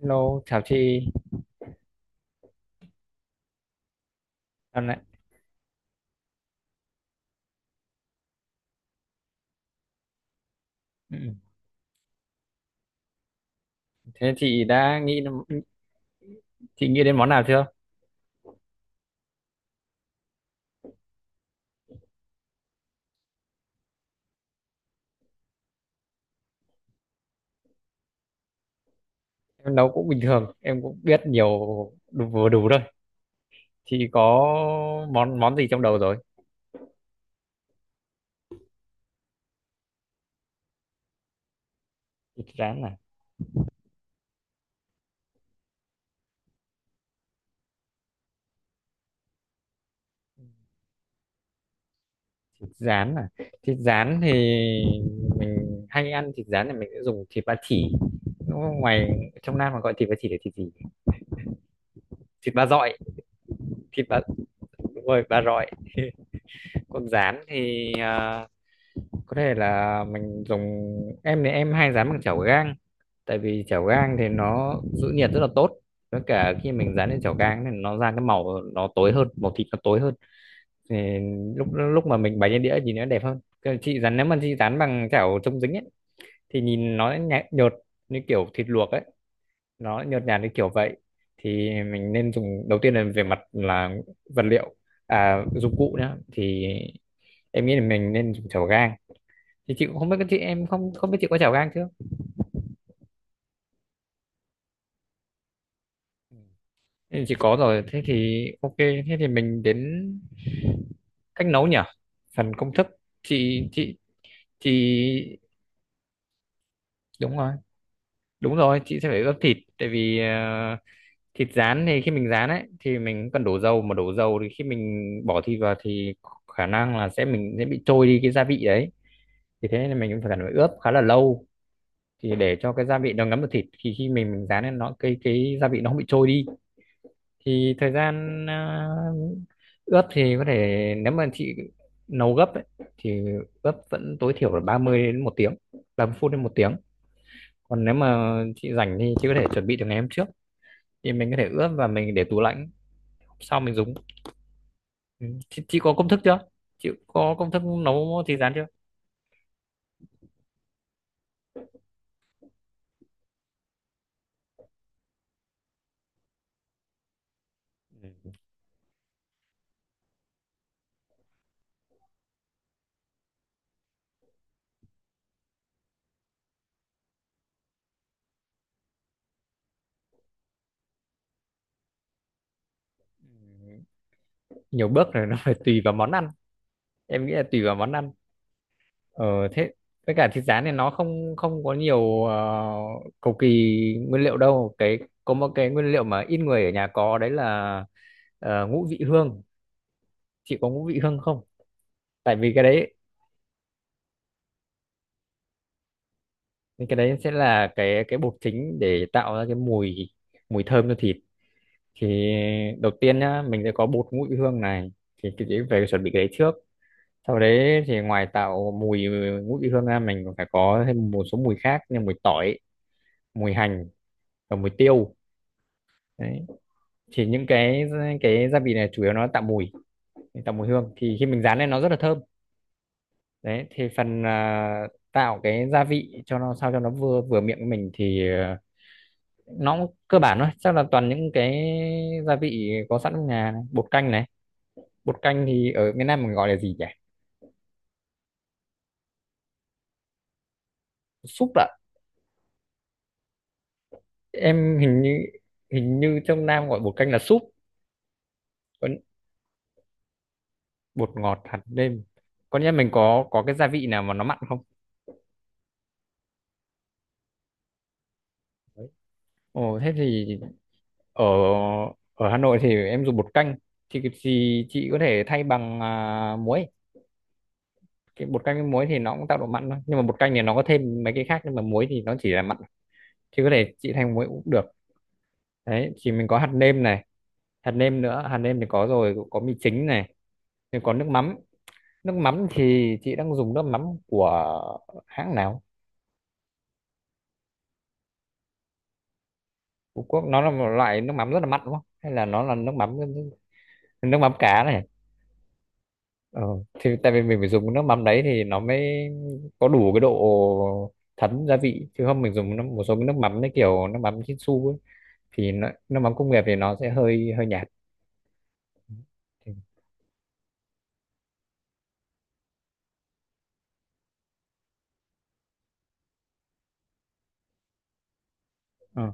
Hello, chào chị. Dạo này. Ừ. Ừ. Thế chị nghĩ đến món nào chưa? Em nấu cũng bình thường, em cũng biết nhiều đủ, vừa đủ thôi. Chị có món món gì trong đầu rồi? Thịt rán à? Thịt rán à? Thịt rán thì mình hay ăn thịt rán thì mình sẽ dùng thịt ba chỉ. Đúng không? Ngoài trong Nam mà gọi thịt ba chỉ là thịt gì? Thịt ba rọi, thịt ba đúng rồi, ba rọi. Còn rán thì có thể là mình dùng, em thì em hay rán bằng chảo gang, tại vì chảo gang thì nó giữ nhiệt rất là tốt, với cả khi mình dán lên chảo gang thì nó ra cái màu, nó tối hơn, màu thịt nó tối hơn, thì lúc lúc mà mình bày lên đĩa thì nó đẹp hơn. Còn chị dán, nếu mà chị dán bằng chảo chống dính ấy thì nhìn nó nhạt, nhợt như kiểu thịt luộc ấy, nó nhợt nhạt như kiểu vậy, thì mình nên dùng, đầu tiên là về mặt là vật liệu, dụng cụ nhá, thì em nghĩ là mình nên dùng chảo gang. Thì chị cũng không biết, chị em không không biết chị có chảo gang chưa. Ừ. Ừ, chị có rồi, thế thì ok, thế thì mình đến cách nấu nhỉ, phần công thức. Chị chị chị đúng rồi, đúng rồi, chị sẽ phải ướp thịt, tại vì thịt rán thì khi mình rán ấy thì mình cần đổ dầu, mà đổ dầu thì khi mình bỏ thịt vào thì khả năng là sẽ mình sẽ bị trôi đi cái gia vị đấy, thì thế nên mình cũng phải cần phải ướp khá là lâu, thì để cho cái gia vị nó ngấm vào thịt thì khi mình rán lên nó, cái gia vị nó không bị trôi đi. Thì thời gian ướp thì có thể, nếu mà chị nấu gấp ấy, thì ướp vẫn tối thiểu là 30 đến một tiếng, 30 phút đến một tiếng. Còn nếu mà chị rảnh thì chị có thể chuẩn bị từ ngày hôm trước, thì mình có thể ướp và mình để tủ lạnh, sau mình dùng. Ừ. chị có công thức chưa, chị có công thức nấu thịt rán chưa? Ừ. Nhiều bước rồi nó phải tùy vào món ăn, em nghĩ là tùy vào món ăn. Ờ thế với cả thịt rán này nó không không có nhiều cầu kỳ nguyên liệu đâu, cái có một cái nguyên liệu mà ít người ở nhà có đấy là ngũ vị hương. Chị có ngũ vị hương không? Tại vì cái đấy sẽ là cái bột chính để tạo ra cái mùi, mùi thơm cho thịt. Thì đầu tiên nhá mình sẽ có bột ngũ vị hương này, thì chị sẽ phải chuẩn bị cái đấy trước. Sau đấy thì ngoài tạo mùi ngũ vị hương ra mình còn phải có thêm một số mùi khác như mùi tỏi, mùi hành và mùi tiêu. Đấy thì những cái gia vị này chủ yếu nó tạo mùi, tạo mùi hương, thì khi mình rán lên nó rất là thơm. Đấy thì phần tạo cái gia vị cho nó sao cho nó vừa vừa miệng của mình thì nó cũng cơ bản thôi, chắc là toàn những cái gia vị có sẵn trong nhà này, bột canh này. Bột canh thì ở miền Nam mình gọi là gì nhỉ? Súp ạ, em hình như, hình như trong Nam gọi bột canh là súp, còn bột ngọt, hạt nêm, có nghĩa mình có cái gia vị nào mà nó mặn không? Đấy. Ồ thế thì ở, ở Hà Nội thì em dùng bột canh thì chị có thể thay bằng muối. Cái bột canh với muối thì nó cũng tạo độ mặn thôi, nhưng mà bột canh thì nó có thêm mấy cái khác, nhưng mà muối thì nó chỉ là mặn, thì có thể chị thay bằng muối cũng được. Đấy thì mình có hạt nêm này, hạt nêm nữa, hạt nêm thì có rồi, có mì chính này, thì có nước mắm. Nước mắm thì chị đang dùng nước mắm của hãng nào? Phú Quốc nó là một loại nước mắm rất là mặn, đúng không, hay là nó là nước mắm, nước mắm cá này. Ờ, thì tại vì mình phải dùng nước mắm đấy thì nó mới có đủ cái độ thấm gia vị, chứ không mình dùng nước, một số cái nước mắm đấy kiểu nước mắm Chinsu ấy, thì nó, nước mắm công nghiệp thì nó sẽ hơi hơi nhạt, thì, ờ,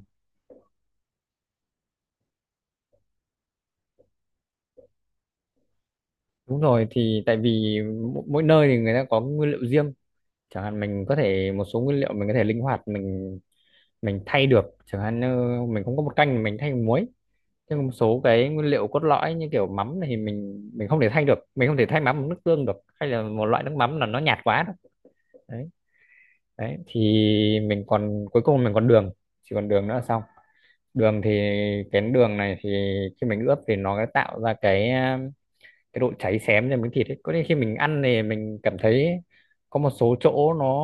đúng rồi thì tại vì mỗi, mỗi nơi thì người ta có nguyên liệu riêng, chẳng hạn mình có thể một số nguyên liệu mình có thể linh hoạt, mình thay được, chẳng hạn như mình không có bột canh thì mình thay bằng muối, nhưng một số cái nguyên liệu cốt lõi như kiểu mắm này thì mình không thể thay được, mình không thể thay mắm bằng nước tương được, hay là một loại nước mắm là nó nhạt quá đâu. Đấy, đấy thì mình còn, cuối cùng mình còn đường, chỉ còn đường nữa là xong. Đường thì cái đường này thì khi mình ướp thì nó tạo ra cái độ cháy xém cho miếng thịt ấy, có nên khi mình ăn thì mình cảm thấy có một số chỗ nó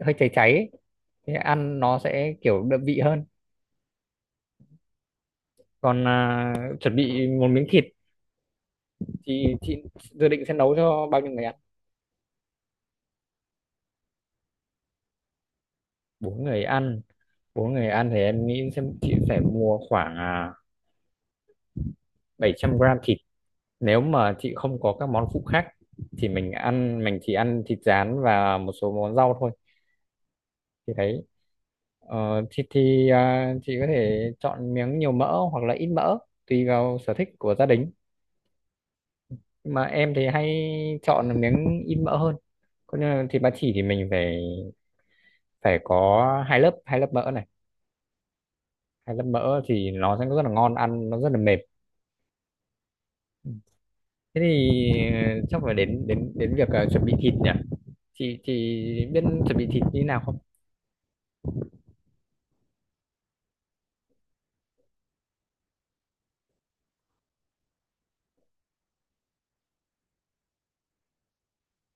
hơi cháy cháy ấy. Thế ăn nó sẽ kiểu đậm vị hơn. Còn chuẩn bị một miếng thịt, chị dự định sẽ nấu cho bao nhiêu người ăn? Bốn người ăn, bốn người ăn thì em nghĩ xem chị phải mua khoảng 700g thịt, nếu mà chị không có các món phụ khác thì mình ăn, mình chỉ ăn thịt rán và một số món rau thôi, thì thấy thịt thì chị có thể chọn miếng nhiều mỡ hoặc là ít mỡ, tùy vào sở thích của gia đình, mà em thì hay chọn miếng ít mỡ hơn, còn như là thịt ba chỉ thì mình phải phải có hai lớp, hai lớp mỡ này, hay lớp mỡ thì nó sẽ rất là ngon, ăn nó rất là mềm. Thế thì chắc phải đến, đến việc chuẩn bị thịt nhỉ, chị biết chuẩn bị thịt như thế nào không?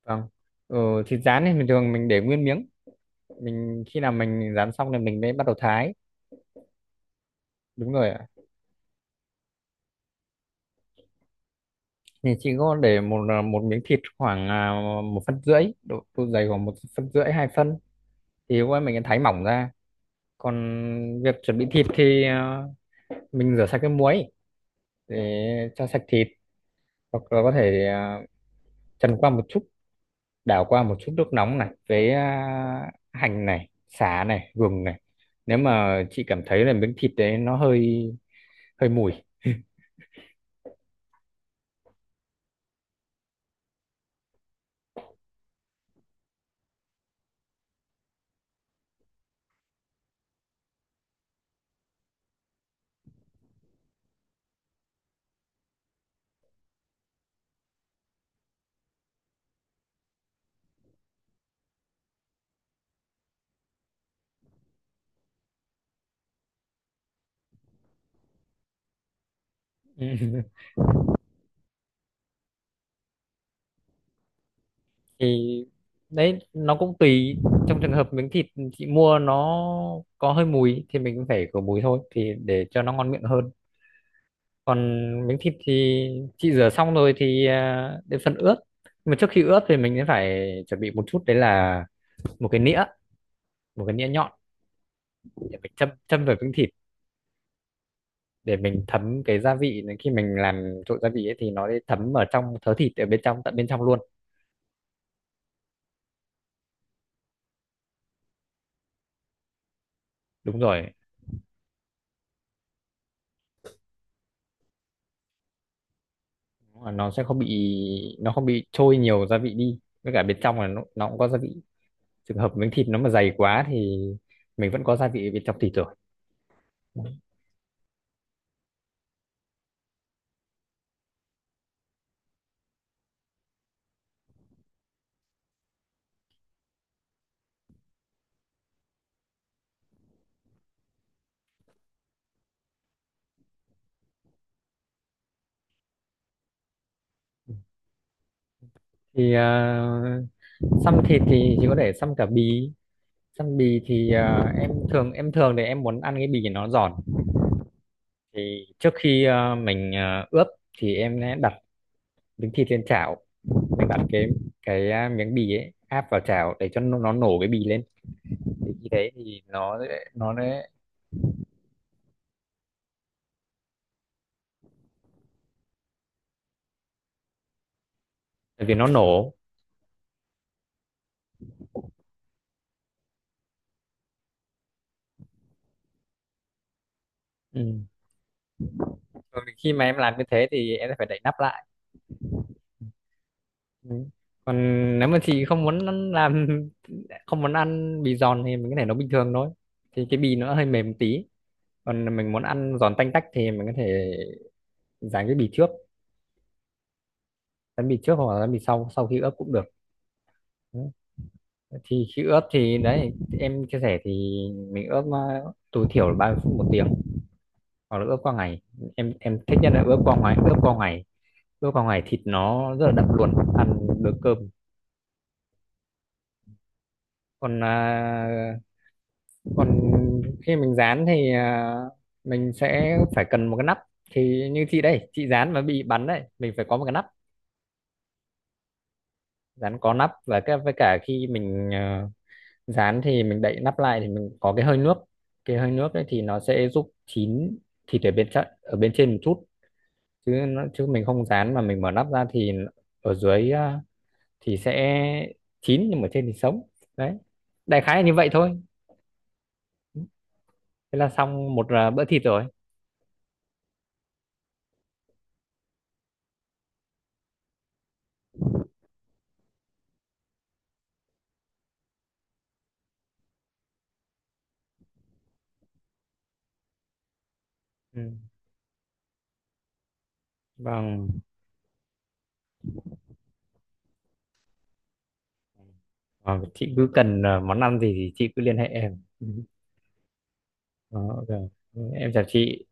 Vâng, thịt rán thì bình thường mình để nguyên miếng, mình khi nào mình rán xong thì mình mới bắt đầu thái. Đúng rồi ạ. Thì chị có để một một miếng thịt khoảng một phân rưỡi độ, độ dày khoảng một phân rưỡi, hai phân, thì qua mình thái mỏng ra. Còn việc chuẩn bị thịt thì mình rửa sạch cái muối để cho sạch thịt, hoặc là có thể trần qua một chút, đảo qua một chút nước nóng này với hành này, sả này, gừng này, nếu mà chị cảm thấy là miếng thịt đấy nó hơi, hơi mùi. Thì đấy nó cũng tùy, trong trường hợp miếng thịt chị mua nó có hơi mùi thì mình cũng phải khử mùi thôi, thì để cho nó ngon miệng hơn. Còn miếng thịt thì chị rửa xong rồi thì đến phần ướp, nhưng mà trước khi ướp thì mình sẽ phải chuẩn bị một chút, đấy là một cái nĩa, một cái nĩa nhọn để phải châm châm vào miếng thịt, để mình thấm cái gia vị này. Khi mình làm trộn gia vị ấy thì nó sẽ thấm ở trong thớ thịt ở bên trong, tận bên trong luôn. Đúng rồi, đúng là nó sẽ không bị, nó không bị trôi nhiều gia vị đi, với cả bên trong là nó cũng có gia vị, trường hợp miếng thịt nó mà dày quá thì mình vẫn có gia vị ở bên trong thịt rồi. Thì xăm thịt thì chỉ có thể xăm cả bì, xăm bì thì em thường thì em muốn ăn cái bì nó giòn, thì trước khi mình ướp thì em sẽ đặt miếng thịt lên chảo, mình bạn cái miếng bì ấy áp vào chảo để cho nó nổ cái bì lên, thì như thế thì bởi vì nó nổ. Ừ. Rồi khi mà em làm như thế thì em sẽ phải đậy nắp lại. Ừ. Còn nếu mà chị không muốn ăn- làm không muốn ăn bì giòn thì mình có thể nấu bình thường thôi, thì cái bì nó hơi mềm một tí. Còn mình muốn ăn giòn tanh tách thì mình có thể dán cái bì trước, dán bì trước hoặc là dán bì sau sau khi ướp cũng được. Ừ. Thì khi ướp thì đấy em chia sẻ thì mình ướp tối thiểu là 30 phút, một tiếng, hoặc là ướp qua ngày. Em thích nhất là ướp qua ngày, ướp qua ngày, ướp qua ngày thịt nó rất là đậm luôn, ăn được cơm. Còn còn khi mình rán thì mình sẽ phải cần một cái nắp, thì như chị đây chị rán mà bị bắn đấy, mình phải có một cái nắp. Rán có nắp, và cái với cả khi mình rán thì mình đậy nắp lại thì mình có cái hơi nước, cái hơi nước đấy thì nó sẽ giúp chín thịt ở bên trên, ở bên trên một chút, chứ nó, chứ mình không rán mà mình mở nắp ra thì ở dưới thì sẽ chín nhưng mà trên thì sống. Đấy, đại khái là như vậy thôi. Thế là xong một bữa thịt rồi. Ừ. Vâng. Ờ, chị cứ cần món ăn gì thì chị cứ liên hệ em. Ừ. Đó, ok. Em chào chị.